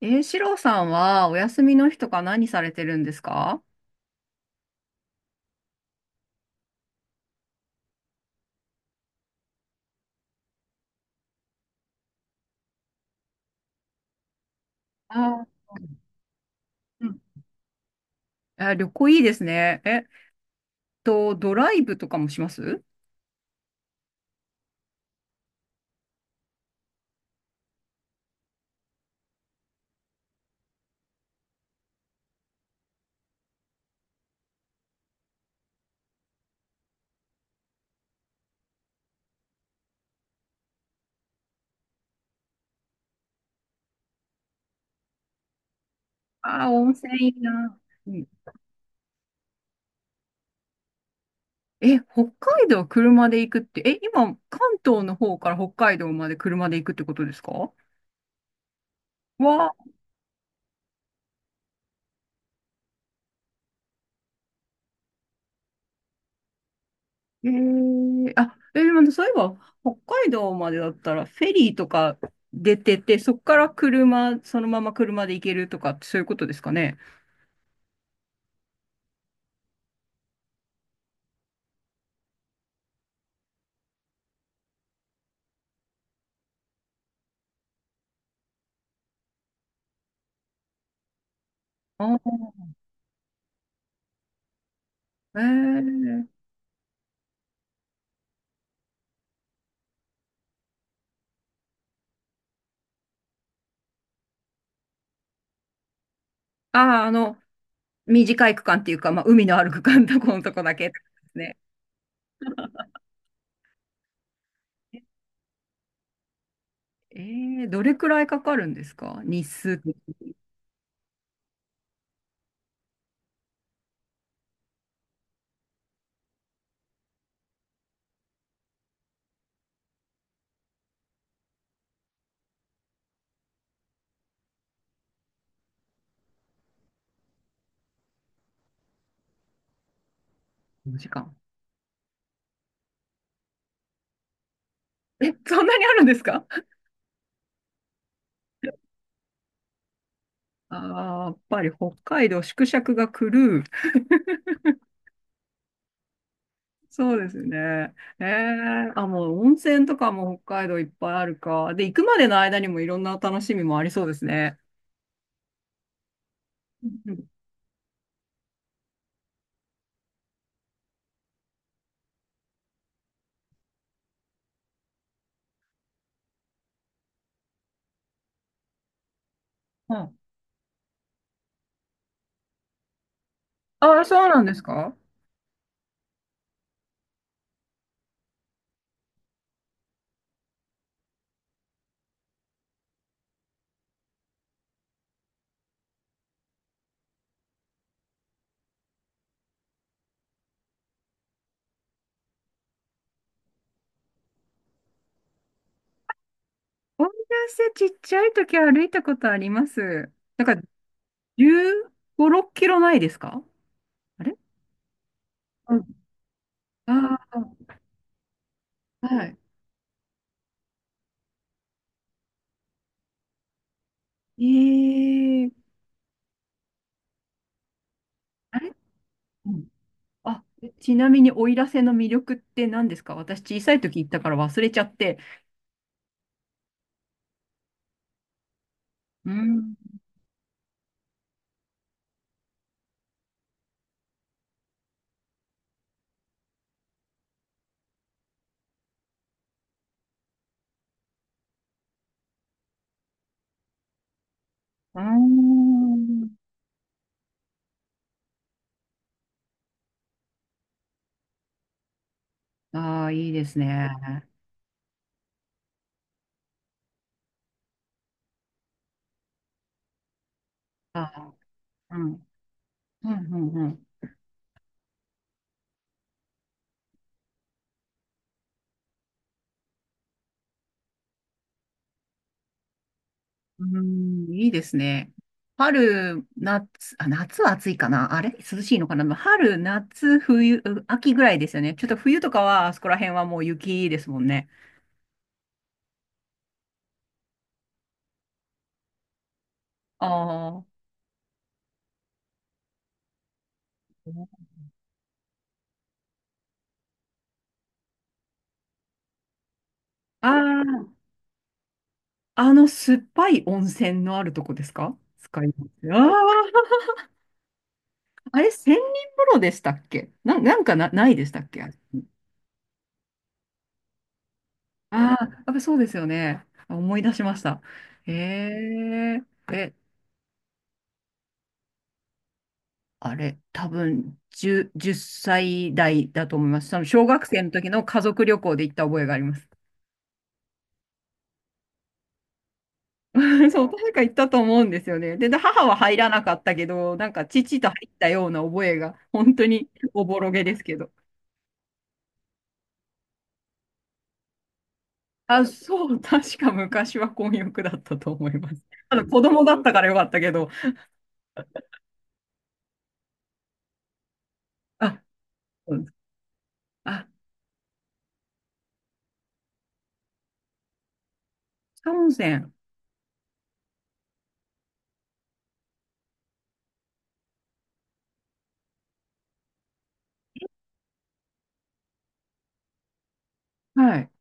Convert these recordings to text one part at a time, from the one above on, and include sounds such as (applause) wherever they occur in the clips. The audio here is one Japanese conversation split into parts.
シロさんはお休みの日とか何されてるんですか？あー。うん。あ、旅行いいですね。ドライブとかもします？ああー、温泉いいな。うん。え、北海道車で行くって、え、今、関東の方から北海道まで車で行くってことですか？わ、あ、まそういえば、北海道までだったら、フェリーとか出てて、そこから車、そのまま車で行けるとか、そういうことですかね。あー、えーああ、短い区間っていうか、まあ、海のある区間のとこのとこだけですね。ええ、ーどれくらいかかるんですか、日数って？時間。え、そんなにあるんですか？あ (laughs) あー、やっぱり北海道縮尺が狂う。そうですね。ええ、あ、もう温泉とかも北海道いっぱいあるか。で、行くまでの間にもいろんな楽しみもありそうですね。うんうん。ああ、そうなんですか？温泉ちっちゃい時歩いたことあります。なんか15、6キロないですか？あれ。うん。ああ。はい。ええ。あれ。うん。あ、ちなみに奥入瀬の魅力って何ですか？私小さい時行ったから忘れちゃって。うん。あー。あー、いいですね。あー、うん。うん、うん、うん。うんいいですね。春、夏、あ、夏は暑いかな、あれ涼しいのかな、まあ春、夏、冬、秋ぐらいですよね。ちょっと冬とかは、あそこら辺はもう雪ですもんね。ああ。ああ、あの酸っぱい温泉のあるとこですか？スカイ。ああ。あれ、千人風呂でしたっけな、なんかな、ないでしたっけ、あ。あー、やっぱそうですよね。思い出しました。へええ。あれ、多分10、歳代だと思います。その小学生の時の家族旅行で行った覚えがあります。(laughs) そう、確か行ったと思うんですよね。で母は入らなかったけど、なんか父と入ったような覚えが、本当におぼろげですけど。あ、そう、確か昔は混浴だったと思います。(laughs) ただ子供だったからよかったけど、あ、うん、あ、草温泉。はい。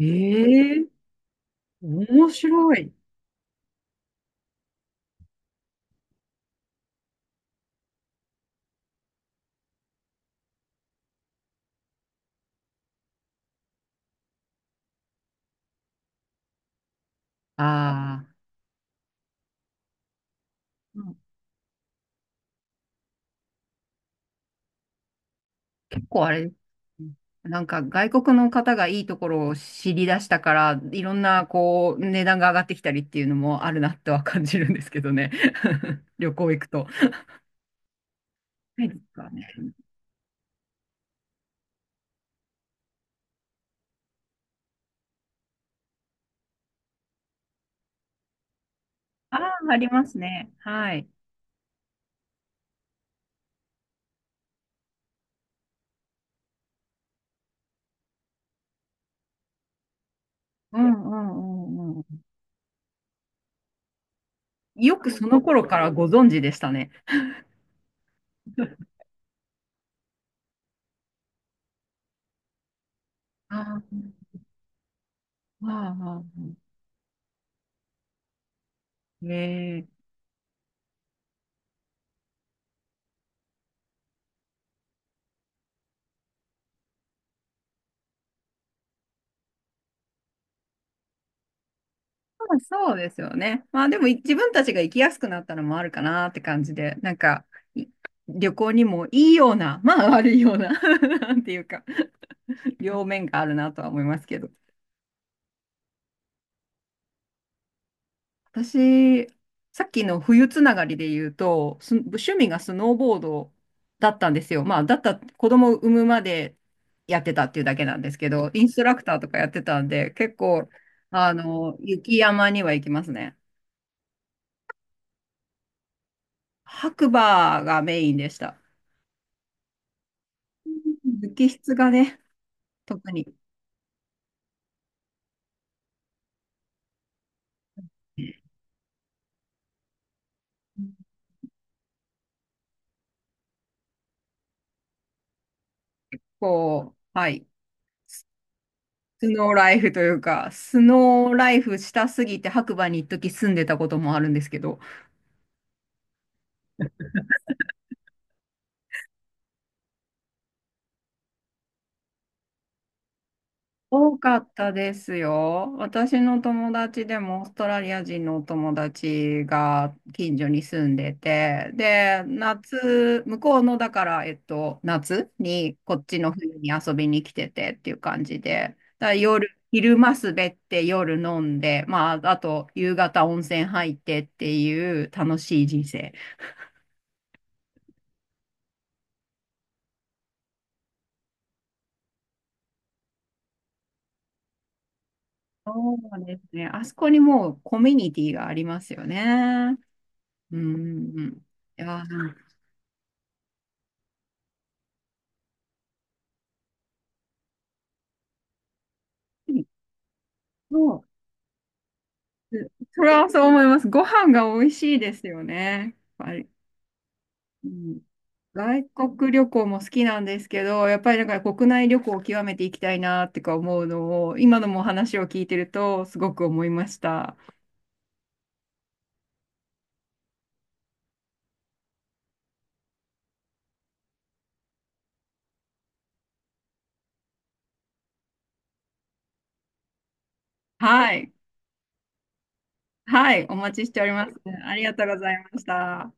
ええ。面白い。ああ。うん。結構あれ、なんか外国の方がいいところを知り出したから、いろんなこう、値段が上がってきたりっていうのもあるなとは感じるんですけどね。(laughs) 旅行行くと。ないですかね。ああ、ありますね。はい。うんうんうんうん。よくその頃からご存知でしたね。(laughs) ああ、ああ、ええ。まあそうですよね。まあでも自分たちが行きやすくなったのもあるかなって感じで、なんかい旅行にもいいような、まあ悪いような (laughs) なんていうか、両面があるなとは思いますけど。私、さっきの冬つながりで言うと、趣味がスノーボードだったんですよ。まあ、だった、子供を産むまでやってたっていうだけなんですけど、インストラクターとかやってたんで、結構、雪山には行きますね。白馬がメインでした。雪質がね、特に、はい、スノーライフというか、スノーライフしたすぎて白馬に一時住んでたこともあるんですけど、多かったですよ。私の友達でもオーストラリア人のお友達が近所に住んでて、で、夏、向こうのだから、夏にこっちの冬に遊びに来ててっていう感じで、だから夜、昼間滑って夜飲んで、まあ、あと夕方温泉入ってっていう楽しい人生。そうですね。あそこにもうコミュニティがありますよね。うん。いやなんかそう、それはそう思います。ご飯が美味しいですよね。やっぱり、うん、外国旅行も好きなんですけど、やっぱりだから国内旅行を極めていきたいなってか思うのを、今のもお話を聞いてるとすごく思いました。はい。はい。お待ちしております。ありがとうございました。